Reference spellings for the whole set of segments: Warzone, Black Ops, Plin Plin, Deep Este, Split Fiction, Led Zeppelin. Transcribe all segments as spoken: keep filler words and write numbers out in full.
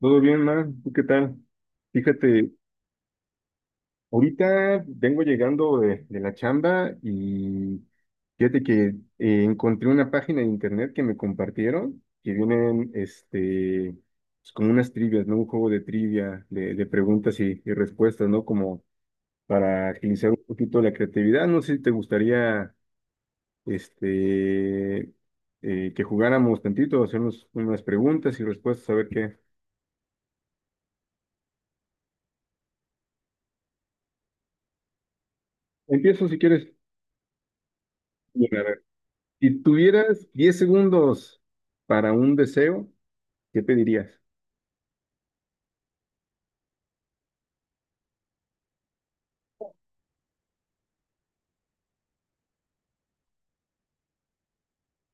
Todo bien, Mar, ¿tú qué tal? Fíjate, ahorita vengo llegando de, de la chamba y fíjate que eh, encontré una página de internet que me compartieron que vienen este, pues, como unas trivias, ¿no? Un juego de trivia, de, de preguntas y, y respuestas, ¿no? Como para agilizar un poquito la creatividad. No sé si te gustaría este, eh, que jugáramos tantito, hacernos unas preguntas y respuestas, a ver qué. Empiezo si quieres. Si tuvieras diez segundos para un deseo, ¿qué pedirías?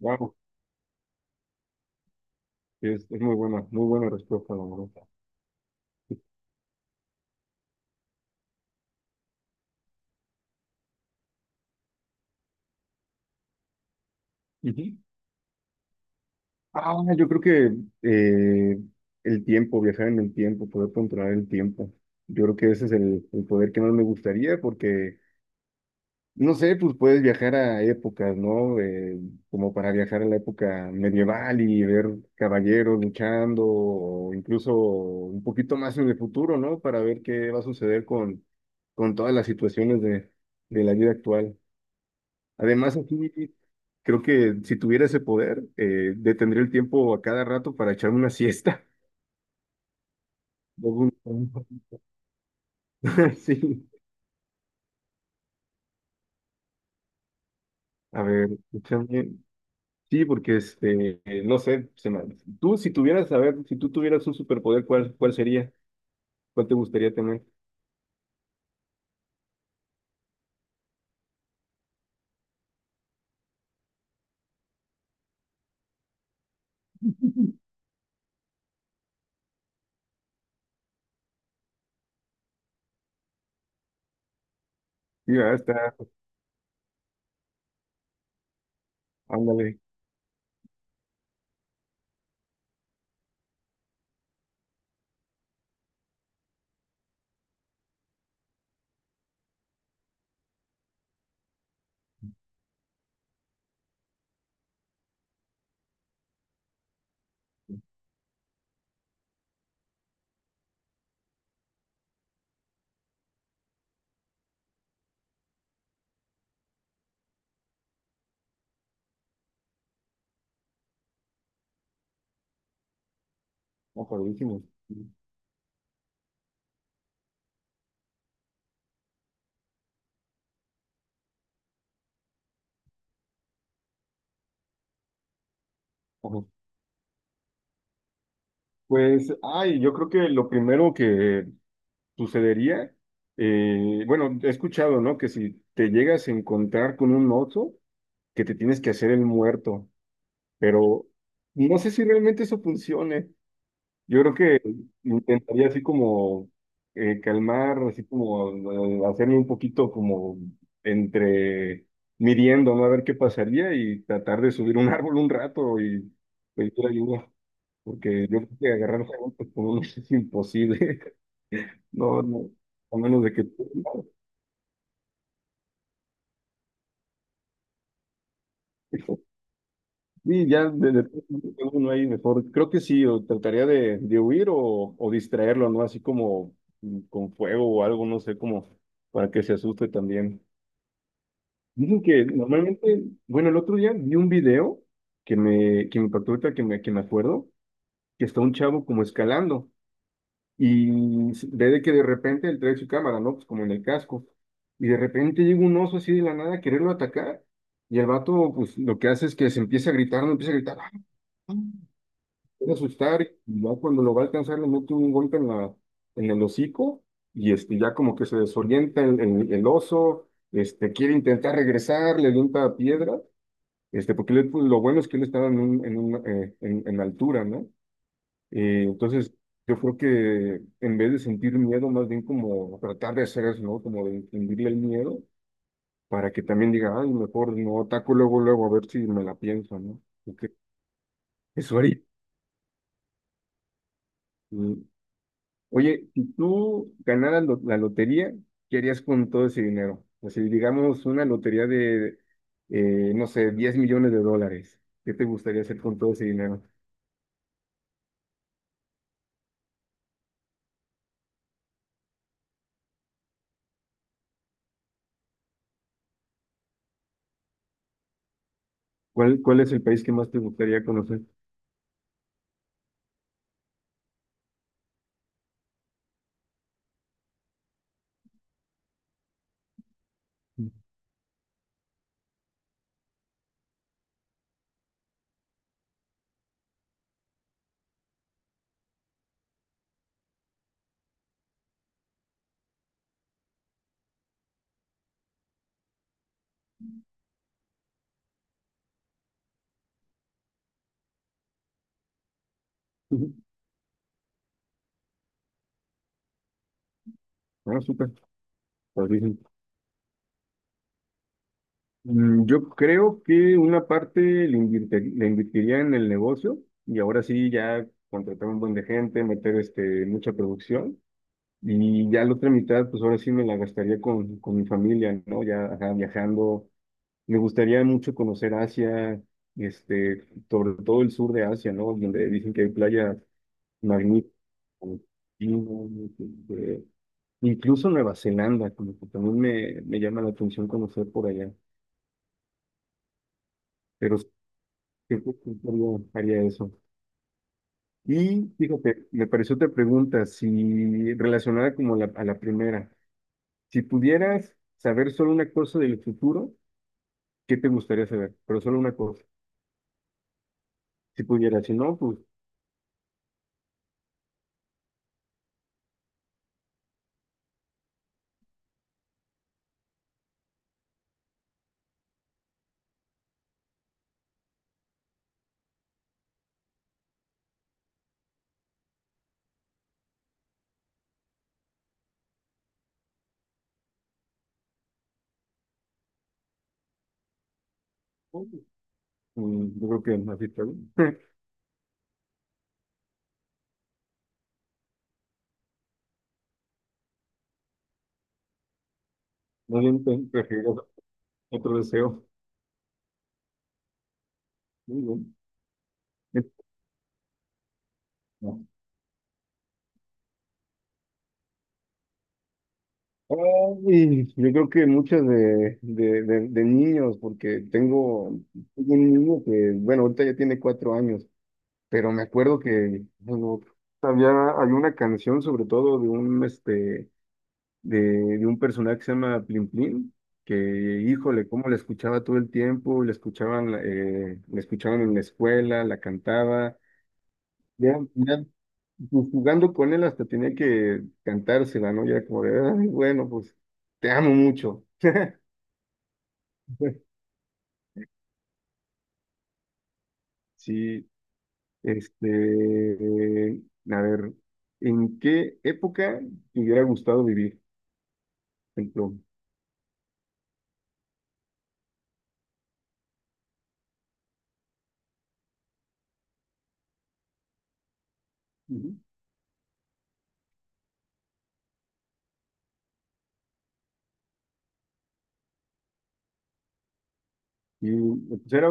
Wow, es, es muy buena, muy buena respuesta, la verdad. Ujú. Ah, yo creo que eh, el tiempo, viajar en el tiempo, poder controlar el tiempo. Yo creo que ese es el, el poder que más me gustaría porque no sé, pues puedes viajar a épocas, ¿no? Eh, como para viajar a la época medieval y ver caballeros luchando, o incluso un poquito más en el futuro, ¿no? Para ver qué va a suceder con, con todas las situaciones de, de la vida actual. Además, aquí creo que si tuviera ese poder, eh, detendría el tiempo a cada rato para echarme una siesta. Luego un- Sí, a ver, escúchame. Sí, porque este, eh, no sé, se me- tú si tuvieras, a ver, si tú tuvieras un superpoder, ¿cuál, ¿cuál sería? ¿Cuál te gustaría tener? Sí, ah, está, ándale, mejorísimo. Ajá. Pues, ay, yo creo que lo primero que sucedería, eh, bueno, he escuchado, ¿no? Que si te llegas a encontrar con un oso, que te tienes que hacer el muerto, pero no sé si realmente eso funcione. Yo creo que intentaría así como eh, calmar, así como eh, hacerme un poquito como entre midiendo, ¿no? A ver qué pasaría y tratar de subir un árbol un rato y pedir ayuda, porque yo creo que agarrar a golpes con uno es imposible, no, no, a menos de que… Y ya de, de- uno ahí mejor, creo que sí, o trataría de, de huir o, o distraerlo, ¿no? Así como mm, con fuego o algo, no sé, como para que se asuste también. Dicen que normalmente, bueno, el otro día vi un video que me, que me impactó ahorita, que me, que me acuerdo, que está un chavo como escalando y se- ve de que de repente él trae su cámara, ¿no? Pues como en el casco. Y de repente llega un oso así de la nada a quererlo atacar. Y el vato, pues lo que hace es que se empieza a gritar, no empieza a gritar, puede asustar y ya cuando lo va a alcanzar le mete un golpe en la, en el hocico y este, ya como que se desorienta el, el- el oso, este, quiere intentar regresar, le avienta piedra, este, porque él, pues, lo bueno es que él estaba en, un- en, un, eh, en, en altura, ¿no? Eh, entonces yo creo que en vez de sentir miedo, más bien como tratar de hacer eso, ¿no? Como de infundirle el miedo para que también diga, ay, mejor no ataco luego, luego a ver si me la pienso, ¿no? Porque eso ahorita. Oye, si tú ganaras lo- la lotería, ¿qué harías con todo ese dinero? O sea, digamos una lotería de, eh, no sé, diez millones de dólares. ¿Qué te gustaría hacer con todo ese dinero? ¿Cuál, cuál es el país que más te gustaría conocer? Ujú. Ah, súper, padrísimo. Mm, Yo creo que una parte le invirte- le invertiría en el negocio y ahora sí ya contratar un buen de gente, meter este, mucha producción. Y ya la otra mitad, pues ahora sí me la gastaría con, con mi familia, ¿no? Ya ajá, viajando. Me gustaría mucho conocer Asia, este, sobre todo el sur de Asia, ¿no? Donde dicen que hay playas magníficas, China, este, incluso Nueva Zelanda, como que también me, me llama la atención conocer por allá. Pero sí, creo que sí haría, haría eso. Y fíjate, me pareció otra pregunta, si relacionada como la- a la primera. Si pudieras saber solo una cosa del futuro, ¿qué te gustaría saber? Pero solo una cosa. Si pudieras, si no, pues mm, yo creo que así está bien. Más bien pre- preferiría otro deseo. Muy bien. Eh, No. Ay, yo creo que muchas de, de, de, de niños, porque tengo tengo un niño que, bueno, ahorita ya tiene cuatro años, pero me acuerdo que bueno, había, hay una canción sobre todo de un este de, de un personaje que se llama Plin Plin, que híjole, cómo la escuchaba todo el tiempo, la escuchaban, eh, la escuchaban en la escuela, la cantaba, ya, ya, pues, jugando con él hasta tenía que cantársela, ¿no? Ya como de, "Ay, bueno, pues te amo mucho." Sí, este, eh, a ver, ¿en qué época te hubiera gustado vivir? Por ejemplo, ujú. y pues era,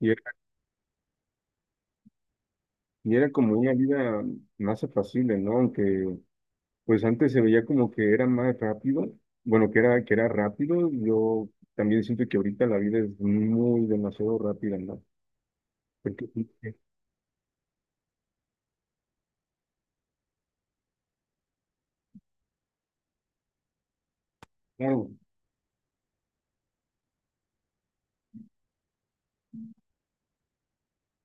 y era, y era como una vida más apacible, ¿no? Aunque pues antes se veía como que era más rápido, bueno, que era, que era rápido, yo también siento que ahorita la vida es muy demasiado rápida, ¿no? Porque, sí, eh, claro,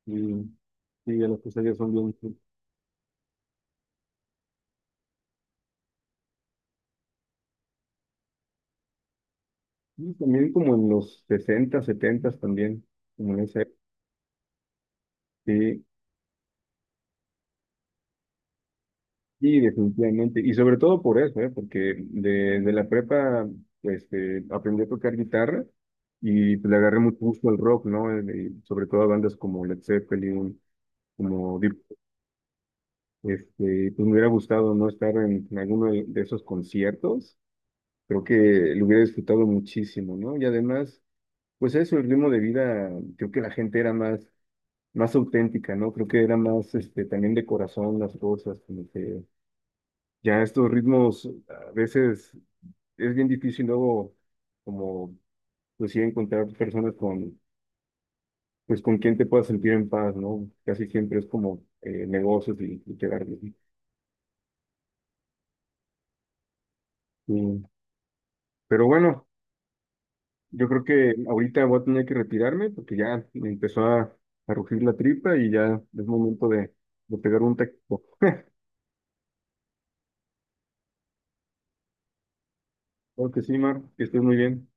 y, y las cosas ya son bien, sí, y también como en los sesenta, setenta también, como en esa época, sí, y definitivamente, y sobre todo por eso, ¿eh? Porque de, de la prepa, pues, eh, aprendí a tocar guitarra y pues, le agarré mucho gusto al rock, ¿no? Eh, Y sobre todo a bandas como Led Zeppelin, como Deep. Este, pues me hubiera gustado no estar en, en alguno de, de esos conciertos. Creo que lo hubiera disfrutado muchísimo, ¿no? Y además, pues eso, el ritmo de vida, creo que la gente era más, más auténtica, ¿no? Creo que era más, este, también de corazón las cosas, como que ya estos ritmos a veces es bien difícil luego, como, pues sí, encontrar personas con, pues con quien te puedas sentir en paz, ¿no? Casi siempre es como eh, negocios y, y quedar bien. Sí. Pero bueno. Yo creo que ahorita voy a tener que retirarme porque ya me empezó a, a rugir la tripa y ya es momento de, de pegar un texto. Claro que sí, Mar, que estés muy bien.